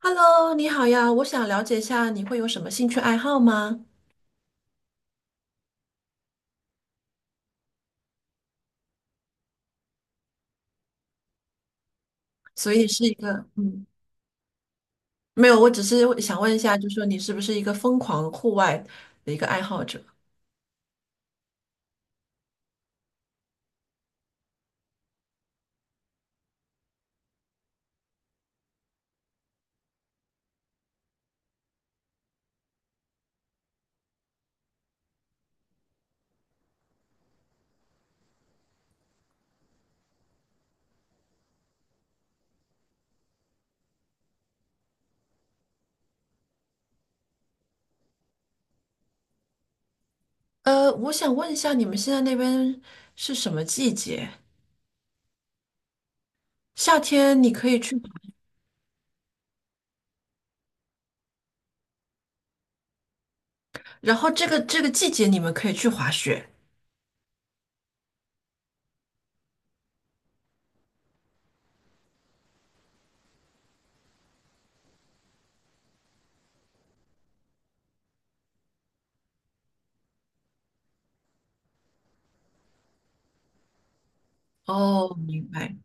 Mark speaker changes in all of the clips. Speaker 1: Hello，你好呀，我想了解一下你会有什么兴趣爱好吗？所以是一个，没有，我只是想问一下，就是说你是不是一个疯狂户外的一个爱好者？我想问一下，你们现在那边是什么季节？夏天你可以去，然后这个季节你们可以去滑雪。哦，明白。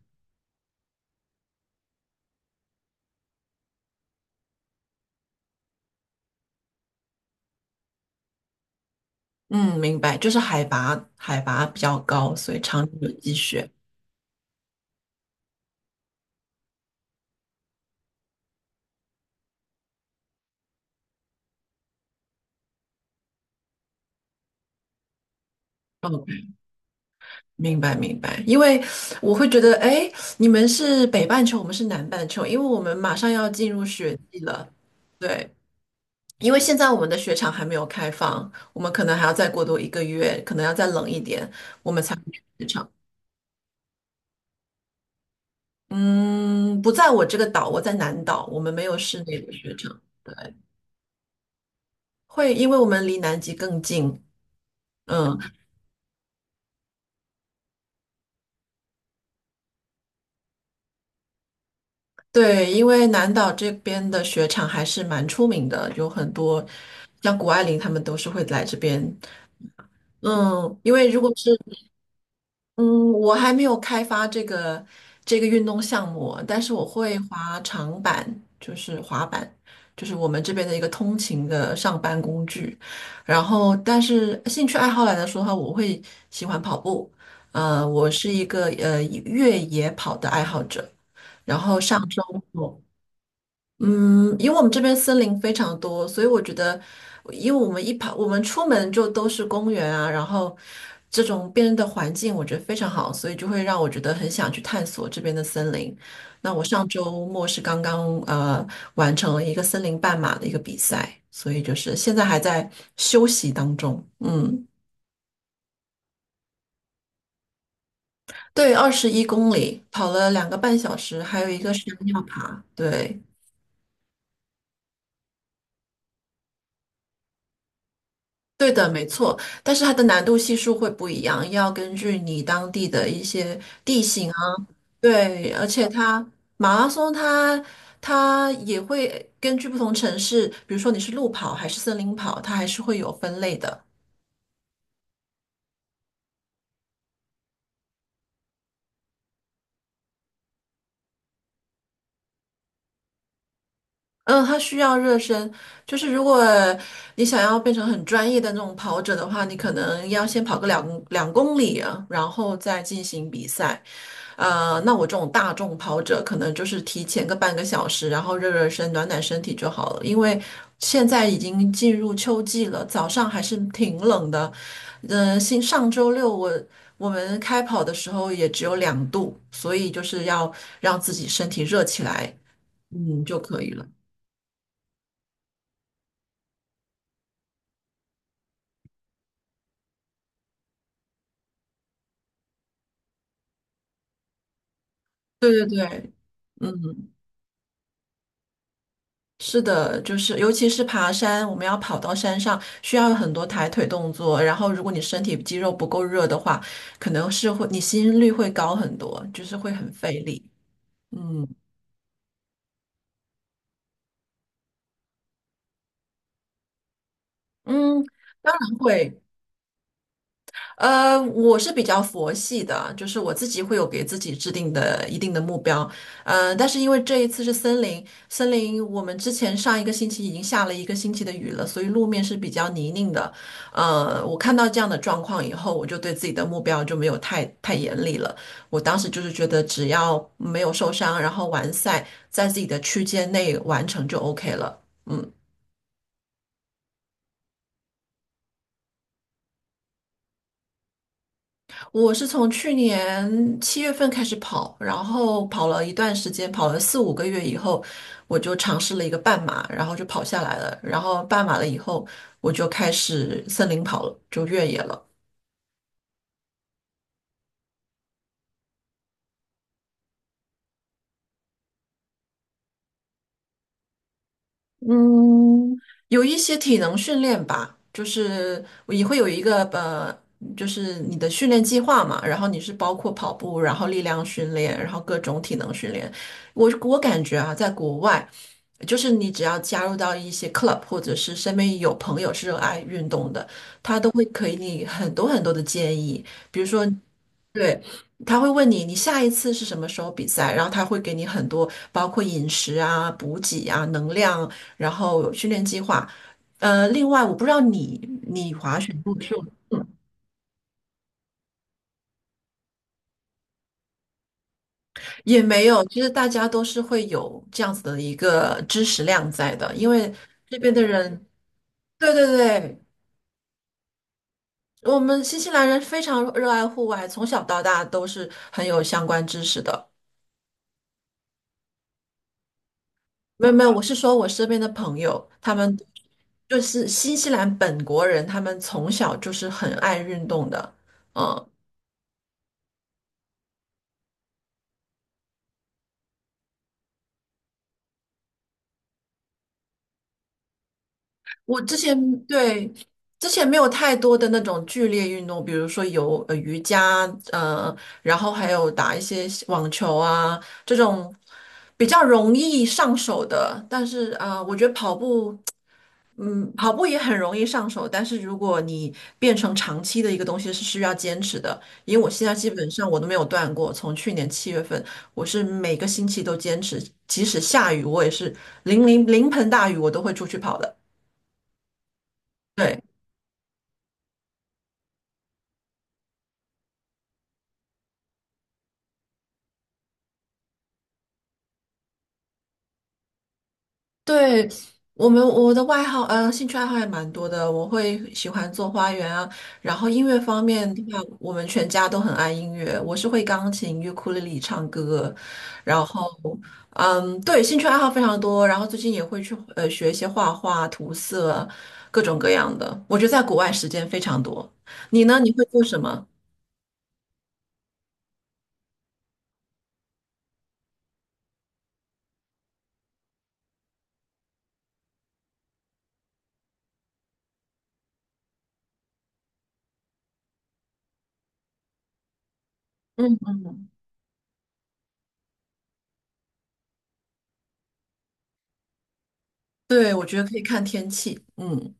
Speaker 1: 嗯，明白，就是海拔比较高，所以常年有积雪。明白明白，因为我会觉得，哎，你们是北半球，我们是南半球，因为我们马上要进入雪季了。对，因为现在我们的雪场还没有开放，我们可能还要再过多一个月，可能要再冷一点，我们才会去雪场。嗯，不在我这个岛，我在南岛，我们没有室内的雪场。对，会因为我们离南极更近。嗯，对，因为南岛这边的雪场还是蛮出名的，有很多像谷爱凌他们都是会来这边。嗯，因为如果是嗯，我还没有开发这个运动项目，但是我会滑长板，就是滑板，就是我们这边的一个通勤的上班工具。然后，但是兴趣爱好来说的话，我会喜欢跑步。我是一个越野跑的爱好者。然后上周末。嗯，因为我们这边森林非常多，所以我觉得，因为我们一跑，我们出门就都是公园啊，然后这种变的环境，我觉得非常好，所以就会让我觉得很想去探索这边的森林。那我上周末是刚刚完成了一个森林半马的一个比赛，所以就是现在还在休息当中。嗯，对，21公里，跑了2个半小时，还有一个山尿爬。对。对的，没错，但是它的难度系数会不一样，要根据你当地的一些地形啊，对，而且它马拉松它它也会根据不同城市，比如说你是路跑还是森林跑，它还是会有分类的。嗯，它需要热身，就是如果你想要变成很专业的那种跑者的话，你可能要先跑个两公里啊，然后再进行比赛。那我这种大众跑者可能就是提前个半个小时，然后热热身、暖暖身体就好了。因为现在已经进入秋季了，早上还是挺冷的。上周六我们开跑的时候也只有2度，所以就是要让自己身体热起来，就可以了。对对对，嗯。是的，就是尤其是爬山，我们要跑到山上，需要很多抬腿动作。然后，如果你身体肌肉不够热的话，可能是会你心率会高很多，就是会很费力。嗯嗯，当然会。我是比较佛系的，就是我自己会有给自己制定的一定的目标，但是因为这一次是森林，森林我们之前上一个星期已经下了一个星期的雨了，所以路面是比较泥泞的，我看到这样的状况以后，我就对自己的目标就没有太严厉了，我当时就是觉得只要没有受伤，然后完赛在自己的区间内完成就 OK 了，嗯。我是从去年七月份开始跑，然后跑了一段时间，跑了四五个月以后，我就尝试了一个半马，然后就跑下来了。然后半马了以后，我就开始森林跑了，就越野了。嗯，有一些体能训练吧，就是我也会有一个就是你的训练计划嘛，然后你是包括跑步，然后力量训练，然后各种体能训练。我感觉啊，在国外。就是你只要加入到一些 club,或者是身边有朋友是热爱运动的，他都会给你很多很多的建议。比如说，对，他会问你你下一次是什么时候比赛，然后他会给你很多包括饮食啊、补给啊、能量，然后训练计划。另外我不知道你滑雪部数，嗯也没有，其实大家都是会有这样子的一个知识量在的，因为这边的人，对对对。我们新西兰人非常热爱户外，从小到大都是很有相关知识的。没有没有，我是说我身边的朋友，他们就是新西兰本国人，他们从小就是很爱运动的。嗯，我之前,对,没有太多的那种剧烈运动，比如说有瑜伽，呃，然后还有打一些网球啊这种比较容易上手的。但是啊、我觉得跑步。嗯，跑步也很容易上手，但是如果你变成长期的一个东西，是需要坚持的。因为我现在基本上我都没有断过，从去年七月份，我是每个星期都坚持，即使下雨，我也是淋盆大雨，我都会出去跑的。对，对，我的外号，兴趣爱好也蛮多的。我会喜欢做花园啊，然后音乐方面的话，我们全家都很爱音乐。我是会钢琴、尤克里里、唱歌，然后，嗯，对，兴趣爱好非常多。然后最近也会去学一些画画、涂色，各种各样的。我觉得在国外时间非常多。你呢？你会做什么？嗯嗯，对，我觉得可以看天气。嗯。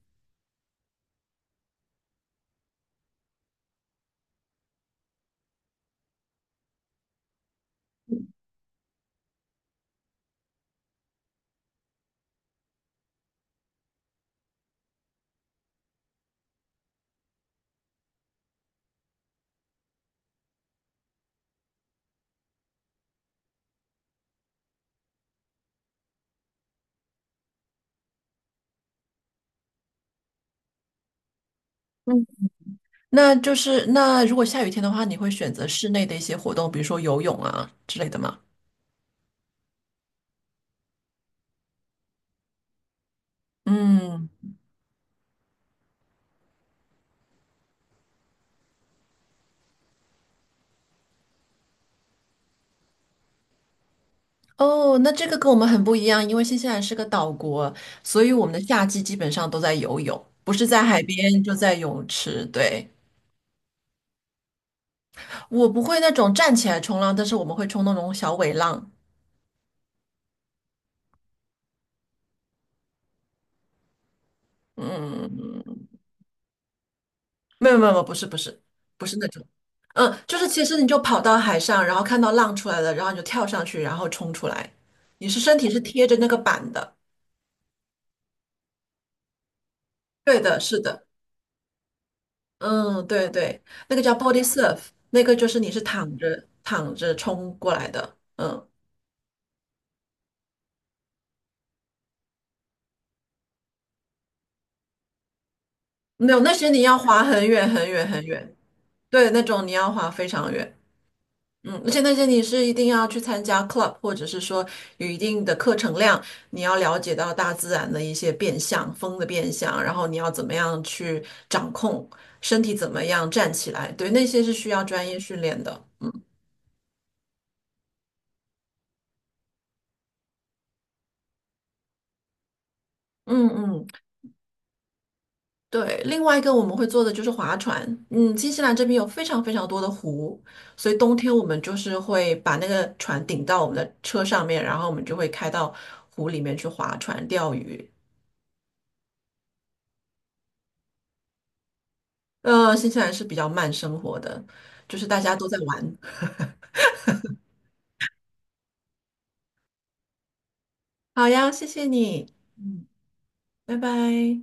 Speaker 1: 那就是那如果下雨天的话，你会选择室内的一些活动，比如说游泳啊之类的吗？嗯，哦，那这个跟我们很不一样，因为新西兰是个岛国，所以我们的夏季基本上都在游泳，不是在海边就在泳池。对，我不会那种站起来冲浪，但是我们会冲那种小尾浪。嗯，没有没有没有，不是不是不是那种，嗯，就是其实你就跑到海上，然后看到浪出来了，然后你就跳上去，然后冲出来，你是身体是贴着那个板的。对的，是的，嗯，对对，那个叫 body surf,那个就是你是躺着冲过来的，嗯，没有那些你要滑很远很远，对，那种你要滑非常远，嗯，而且那些你是一定要去参加 club,或者是说有一定的课程量，你要了解到大自然的一些变相，风的变相，然后你要怎么样去掌控身体怎么样站起来，对，那些是需要专业训练的，嗯嗯嗯。对，另外一个我们会做的就是划船。嗯，新西兰这边有非常非常多的湖，所以冬天我们就是会把那个船顶到我们的车上面，然后我们就会开到湖里面去划船钓鱼。新西兰是比较慢生活的，就是大家都在玩。好呀，谢谢你，嗯，拜拜。